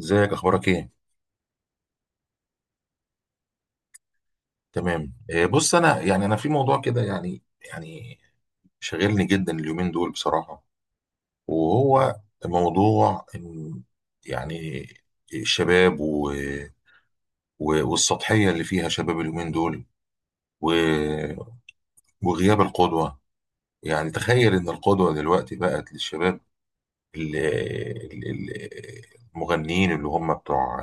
ازيك؟ اخبارك ايه؟ تمام. بص، انا انا في موضوع كده، يعني شاغلني جدا اليومين دول بصراحة. وهو موضوع إن، يعني، الشباب والسطحية اللي فيها شباب اليومين دول و... وغياب القدوة. يعني تخيل ان القدوة دلوقتي بقت للشباب المغنيين اللي هم بتوع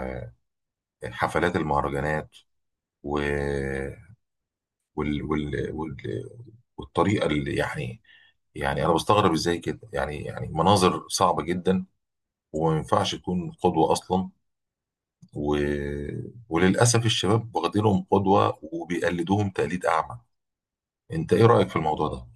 حفلات المهرجانات و... وال... وال... وال... والطريقه اللي يعني، يعني انا بستغرب ازاي كده، يعني مناظر صعبه جدا وما ينفعش تكون قدوه اصلا. و... وللاسف الشباب واخدينهم قدوه وبيقلدوهم تقليد اعمى. انت ايه رايك في الموضوع ده؟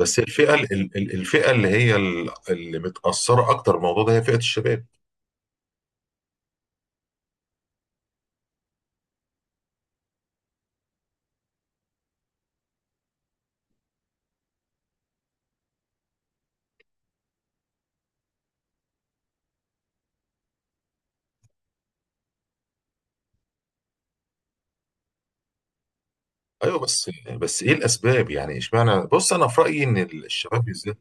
بس الفئه، الفئه اللي هي اللي متاثره اكتر بالموضوع ده هي فئه الشباب. ايوه. بس ايه الاسباب؟ يعني اشمعنى؟ بص، انا في رايي ان الشباب بالذات،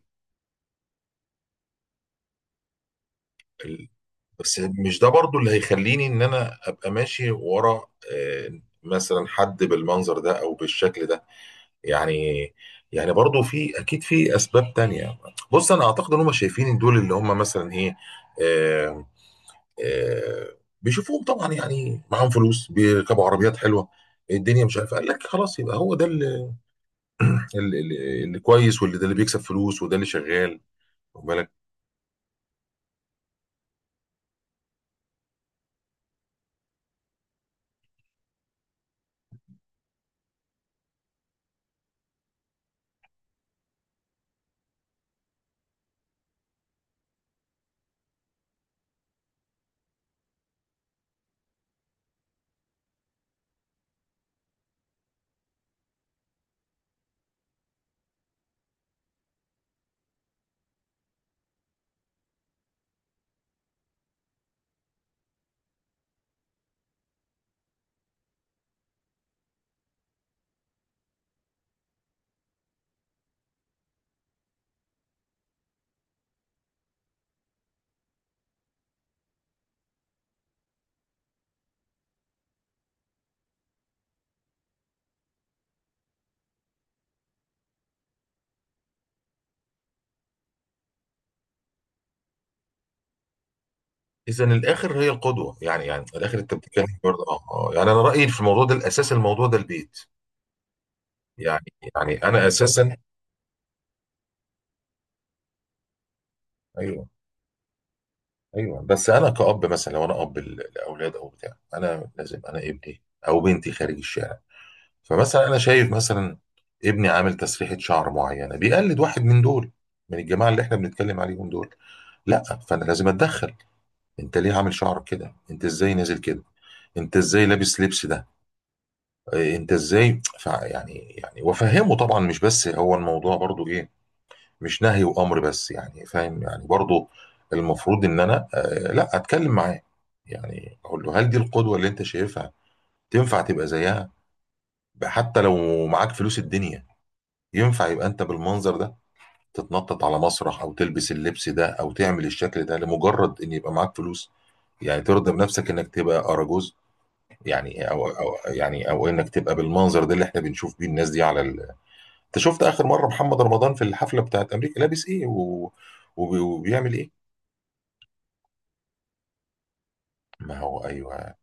بس مش ده برضو اللي هيخليني ان انا ابقى ماشي ورا مثلا حد بالمنظر ده او بالشكل ده. يعني يعني برضو في اكيد في اسباب تانية. بص انا اعتقد ان هم شايفين إن دول اللي هم مثلا ايه. آه، آه، بيشوفوهم طبعا، يعني معاهم فلوس، بيركبوا عربيات حلوه. الدنيا مش عارف قال لك خلاص يبقى هو ده اللي كويس، واللي ده اللي بيكسب فلوس وده اللي شغال. اذا الاخر هي القدوه، يعني الاخر انت بتتكلم برضه يعني انا رايي في الموضوع ده، الاساس الموضوع ده البيت. يعني انا اساسا. ايوه، ايوه. بس انا كأب، مثلا لو انا اب لاولاد او بتاع، انا لازم، انا ابني او بنتي خارج الشارع. فمثلا انا شايف مثلا ابني عامل تسريحه شعر معينه بيقلد واحد من دول، من الجماعه اللي احنا بنتكلم عليهم دول. لا، فانا لازم اتدخل. انت ليه عامل شعرك كده؟ انت ازاي نازل كده؟ انت ازاي لابس لبس ده؟ إيه، انت ازاي يعني وافهمه طبعا، مش بس هو الموضوع برضو ايه، مش نهي وامر بس، يعني فاهم يعني برضو. المفروض ان انا لا، اتكلم معاه، يعني اقول له: هل دي القدوة اللي انت شايفها تنفع تبقى زيها؟ حتى لو معاك فلوس الدنيا، ينفع يبقى انت بالمنظر ده، تتنطط على مسرح او تلبس اللبس ده او تعمل الشكل ده لمجرد ان يبقى معاك فلوس؟ يعني ترضى بنفسك انك تبقى اراجوز؟ يعني او يعني او انك تبقى بالمنظر ده اللي احنا بنشوف بيه الناس دي على انت شفت اخر مره محمد رمضان في الحفله بتاعت امريكا لابس ايه وبيعمل ايه؟ ما هو ايوه.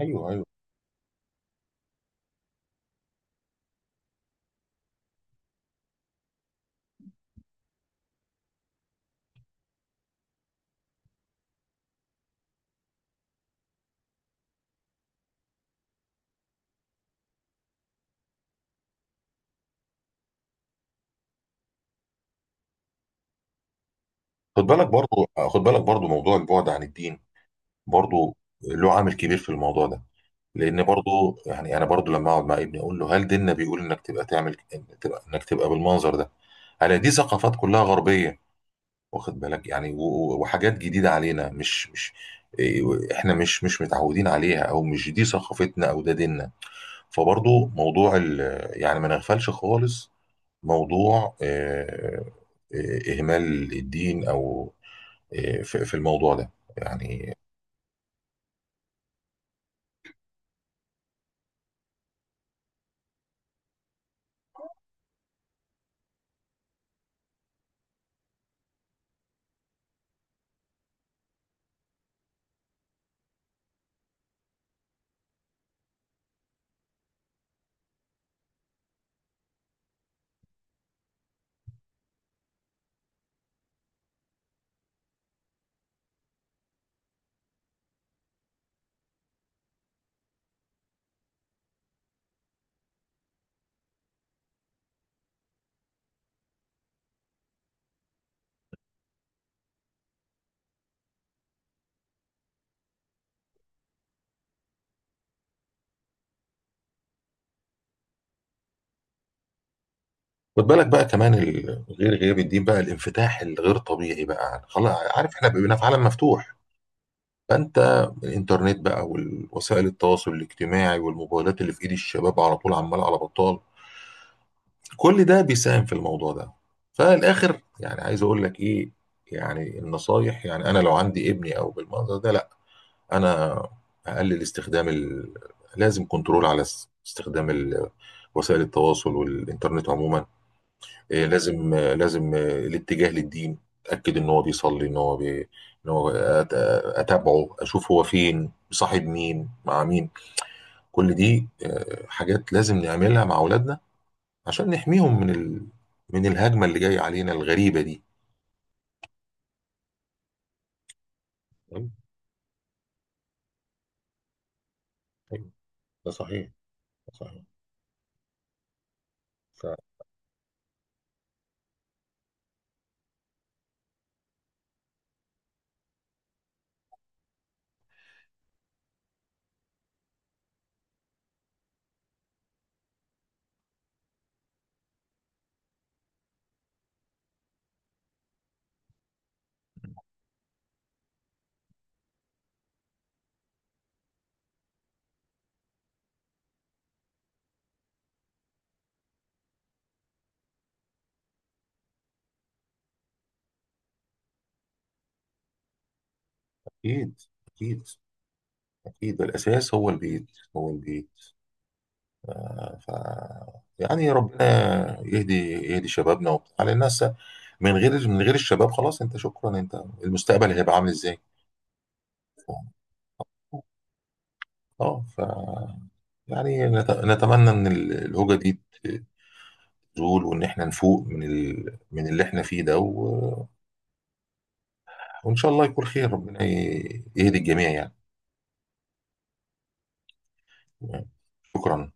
ايوه، ايوه. خد بالك برضو موضوع البعد عن الدين برضو له عامل كبير في الموضوع ده. لان برضو يعني انا برضو لما اقعد مع ابني اقول له هل ديننا بيقول انك تبقى تعمل، تبقى انك تبقى بالمنظر ده؟ انا دي ثقافات كلها غربيه، واخد بالك يعني وحاجات جديده علينا، مش إيه، احنا مش متعودين عليها او مش دي ثقافتنا او ده ديننا. فبرضه موضوع يعني ما نغفلش خالص. موضوع إهمال الدين أو في الموضوع ده يعني. خد بالك بقى كمان غير غياب الدين، بقى الانفتاح الغير طبيعي بقى، خلاص عارف احنا بقينا في عالم مفتوح. فانت، الانترنت بقى والوسائل التواصل الاجتماعي والموبايلات اللي في ايد الشباب على طول عمال على بطال، كل ده بيساهم في الموضوع ده. فالاخر يعني عايز اقول لك ايه؟ يعني النصايح، يعني انا لو عندي ابني او بالمنظر ده، لا، انا اقلل استخدام لازم كنترول على استخدام وسائل التواصل والانترنت عموما. إيه لازم، لازم الاتجاه للدين. اتاكد ان هو بيصلي، ان هو بي... ان هو أت... اتابعه اشوف هو فين، صاحب مين، مع مين. كل دي حاجات لازم نعملها مع اولادنا عشان نحميهم من من الهجمة اللي جاية علينا الغريبة دي. تمام؟ أيوة، ده صحيح. ده صحيح. فأكيد، أكيد، أكيد الأساس هو البيت، هو البيت. ف... ف... يعني ربنا يهدي شبابنا وبتاع على الناس. من غير الشباب خلاص، أنت شكرا، أنت المستقبل هيبقى عامل إزاي؟ ف... اه ف يعني نتمنى ان الهوجه دي ت- تزول وان احنا نفوق من من اللي احنا فيه ده. وإن شاء الله يكون خير، ربنا يهدي الجميع يعني. شكرا.